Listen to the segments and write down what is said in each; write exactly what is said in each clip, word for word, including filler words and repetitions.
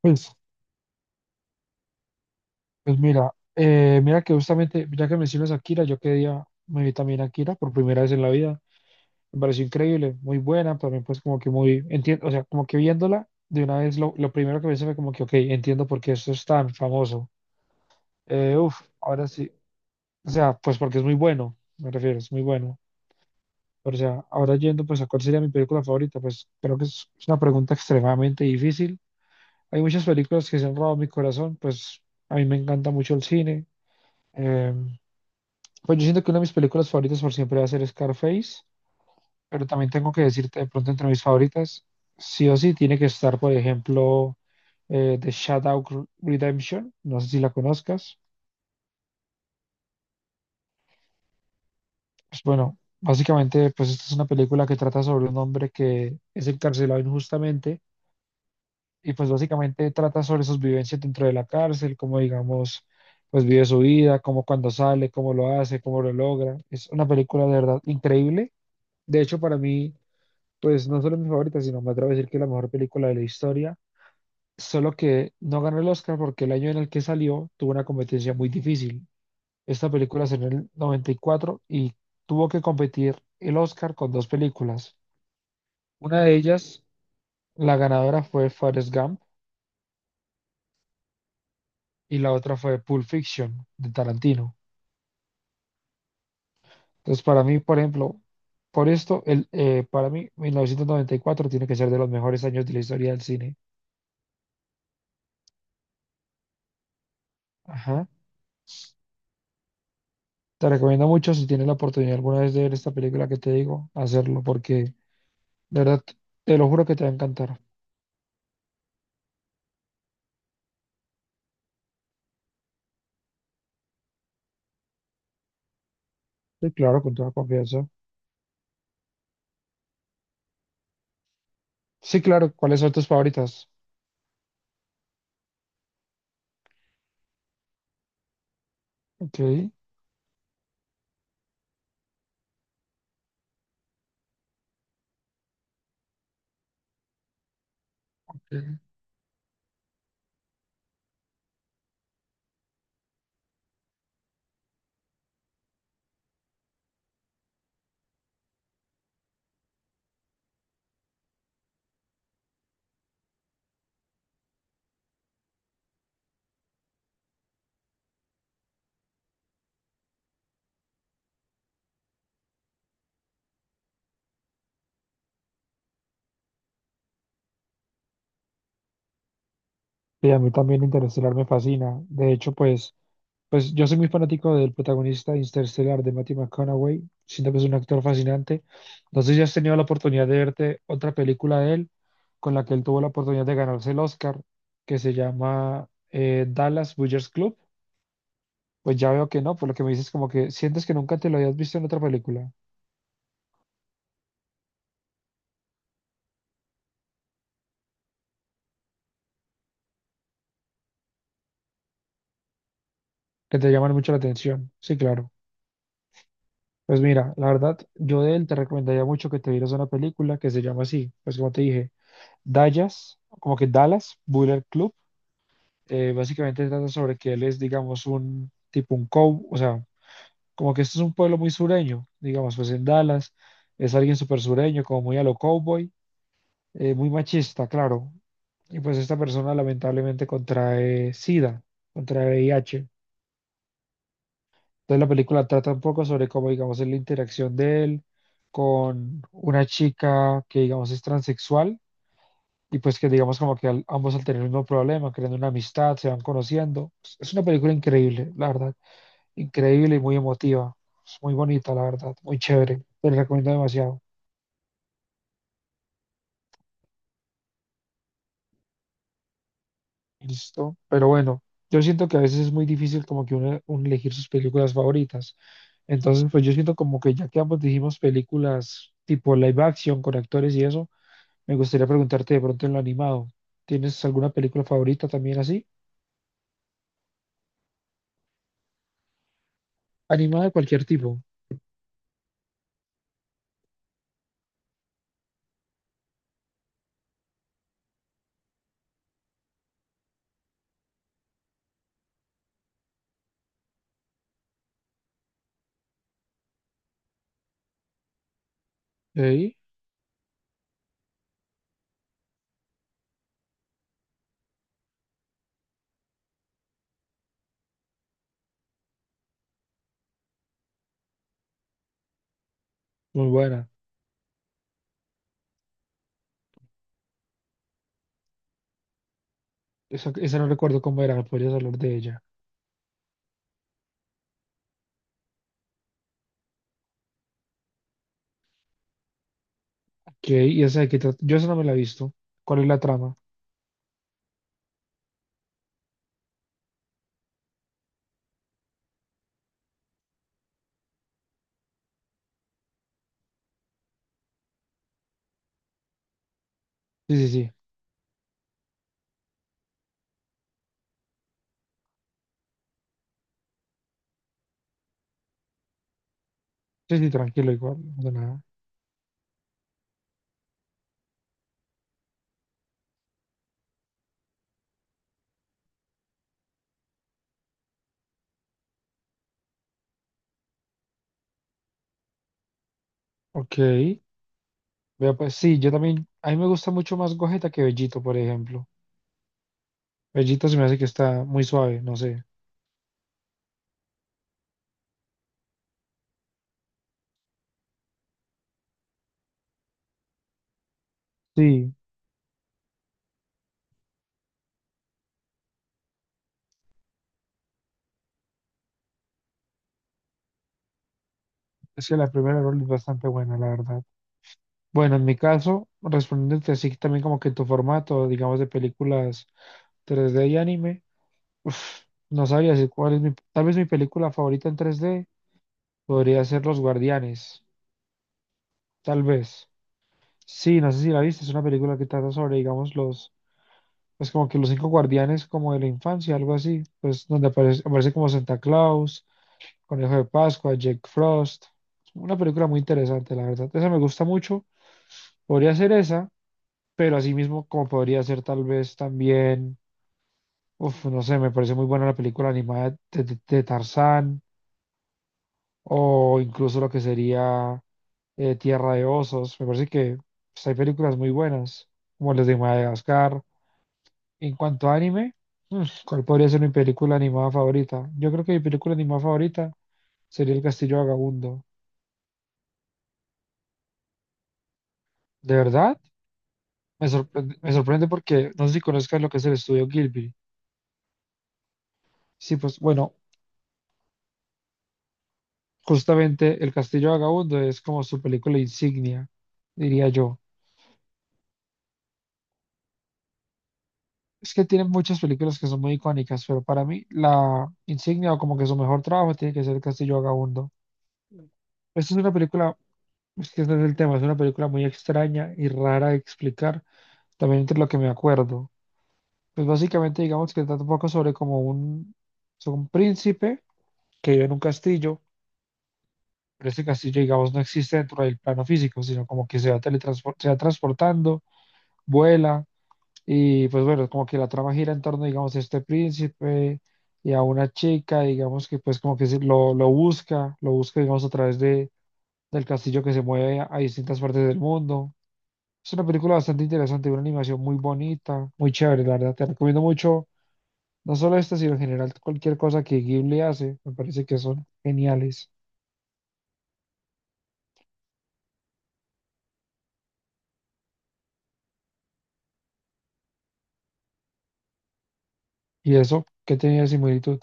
Pues, pues mira, eh, mira que justamente, ya que mencionas a Akira, yo quedé día me vi también a Akira por primera vez en la vida. Me pareció increíble, muy buena, también pues como que muy, entiendo, o sea, como que viéndola de una vez, lo, lo primero que pensé fue como que, ok, entiendo por qué esto es tan famoso. Eh, uf, ahora sí, o sea, pues porque es muy bueno, me refiero, es muy bueno. Pero, o sea, ahora yendo pues a cuál sería mi película favorita, pues creo que es es una pregunta extremadamente difícil. Hay muchas películas que se han robado mi corazón, pues a mí me encanta mucho el cine. em, Pues yo siento que una de mis películas favoritas por siempre va a ser Scarface, pero también tengo que decirte de pronto entre mis favoritas, sí o sí tiene que estar, por ejemplo, eh, The Shawshank Redemption, no sé si la conozcas. Pues bueno, básicamente pues esta es una película que trata sobre un hombre que es encarcelado injustamente y pues básicamente trata sobre sus vivencias dentro de la cárcel, cómo digamos, pues vive su vida, cómo cuando sale, cómo lo hace, cómo lo logra. Es una película de verdad increíble. De hecho, para mí... Pues no solo mi favorita, sino me atrevo a decir que es la mejor película de la historia. Solo que no ganó el Oscar porque el año en el que salió tuvo una competencia muy difícil. Esta película salió en el noventa y cuatro y cuatro y tuvo que competir el Oscar con dos películas. Una de ellas, la ganadora fue Forrest Gump y la otra fue Pulp Fiction de Tarantino. Entonces, para mí, por ejemplo, por esto, el, eh, para mí, mil novecientos noventa y cuatro tiene que ser de los mejores años de la historia del cine. Ajá. Te recomiendo mucho si tienes la oportunidad alguna vez de ver esta película que te digo, hacerlo, porque de verdad te lo juro que te va a encantar. Sí, claro, con toda confianza. Sí, claro, ¿cuáles son tus favoritas? Ok. Ok. Sí, a mí también Interestelar me fascina. De hecho, pues, pues yo soy muy fanático del protagonista de Interestelar de Matthew McConaughey. Siento que es un actor fascinante. No sé si has tenido la oportunidad de verte otra película de él con la que él tuvo la oportunidad de ganarse el Oscar, que se llama eh, Dallas Buyers Club. Pues ya veo que no, por lo que me dices como que sientes que nunca te lo habías visto en otra película, que te llaman mucho la atención. Sí, claro. Pues mira, la verdad, yo de él te recomendaría mucho que te vieras una película que se llama así, pues como te dije, Dallas, como que Dallas Bullet Club. Eh, básicamente trata sobre que él es, digamos, un tipo un cow, o sea, como que esto es un pueblo muy sureño, digamos, pues en Dallas es alguien súper sureño, como muy a lo cowboy, eh, muy machista, claro. Y pues esta persona lamentablemente contrae SIDA, contrae V I H. Entonces la película trata un poco sobre cómo, digamos, es la interacción de él con una chica que, digamos, es transexual y pues que, digamos, como que al- ambos al tener el mismo problema, creando una amistad, se van conociendo. Pues, es una película increíble, la verdad. Increíble y muy emotiva. Es muy bonita, la verdad. Muy chévere. Te la recomiendo demasiado. Listo. Pero bueno, yo siento que a veces es muy difícil como que uno, uno elegir sus películas favoritas. Entonces, pues yo siento como que ya que ambos dijimos películas tipo live action con actores y eso, me gustaría preguntarte de pronto en lo animado. ¿Tienes alguna película favorita también así? Animada de cualquier tipo. ¿Sí? Muy buena. Esa, esa no recuerdo cómo era, me podrías hablar de ella. Ok, ¿y esa de qué trata? Yo esa no me la he visto. ¿Cuál es la trama? Sí, sí, sí. Sí, sí, tranquilo, igual, no pasa nada. Ok. Vea, pues sí, yo también, a mí me gusta mucho más Gogeta que Bellito, por ejemplo. Bellito se me hace que está muy suave, no sé. Sí, es que la primera rol es bastante buena, la verdad. Bueno, en mi caso, respondiéndote así también como que en tu formato, digamos, de películas tres D y anime, uf, no sabría decir cuál es mi, tal vez mi película favorita en tres D podría ser Los Guardianes, tal vez. Sí, no sé si la viste, es una película que trata sobre, digamos, los pues como que los cinco guardianes como de la infancia, algo así, pues donde aparece, aparece como Santa Claus, Conejo de Pascua, Jack Frost. Una película muy interesante, la verdad. Esa me gusta mucho. Podría ser esa, pero así mismo como podría ser tal vez también, uf, no sé, me parece muy buena la película animada de, de- de Tarzán o incluso lo que sería eh, Tierra de Osos. Me parece que pues, hay películas muy buenas, como las de Madagascar. En cuanto a anime, mm, ¿cuál podría ser mi película animada favorita? Yo creo que mi película animada favorita sería El Castillo Vagabundo. ¿De verdad? Me sorprende, me sorprende porque no sé si conozcas lo que es el estudio Gilby. Sí, pues bueno, justamente El Castillo Vagabundo es como su película insignia, diría yo. Es que tienen muchas películas que son muy icónicas, pero para mí la insignia o como que su mejor trabajo tiene que ser El Castillo Vagabundo. Esta es una película, es que ese es el tema, es una película muy extraña y rara de explicar, también entre lo que me acuerdo. Pues básicamente digamos que trata un poco sobre como un, sobre un príncipe que vive en un castillo. Pero este castillo, digamos, no existe dentro del plano físico, sino como que se va, teletranspor- se va transportando, vuela. Y pues bueno, como que la trama gira en torno, digamos, a este príncipe y a una chica, digamos que pues como que se lo, lo busca, lo busca, digamos, a través de, del castillo que se mueve a, a distintas partes del mundo. Es una película bastante interesante, una animación muy bonita, muy chévere, la verdad. Te recomiendo mucho, no solo esta, sino en general cualquier cosa que Ghibli hace, me parece que son geniales. Y eso, ¿qué tenía de similitud?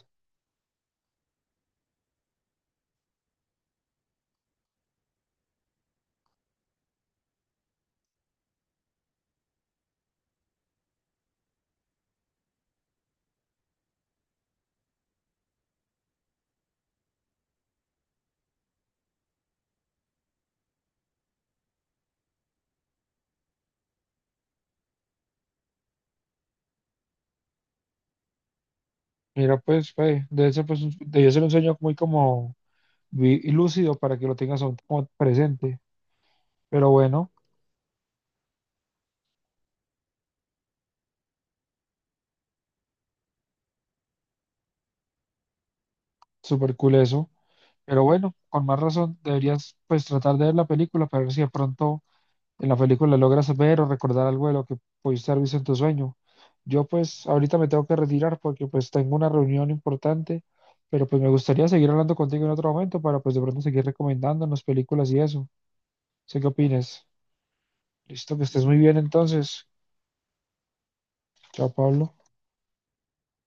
Mira, pues, ve, debe ser, pues, un- debió ser un sueño muy como vi- lúcido para que lo tengas aún como presente. Pero bueno, súper cool eso. Pero bueno, con más razón, deberías pues tratar de ver la película para ver si de pronto en la película logras ver o recordar algo de lo que pudiste haber visto en tu sueño. Yo pues ahorita me tengo que retirar porque pues tengo una reunión importante, pero pues me gustaría seguir hablando contigo en otro momento para pues de pronto seguir recomendándonos películas y eso. ¿Sé qué opinas? Listo, que estés muy bien entonces. Chao, Pablo.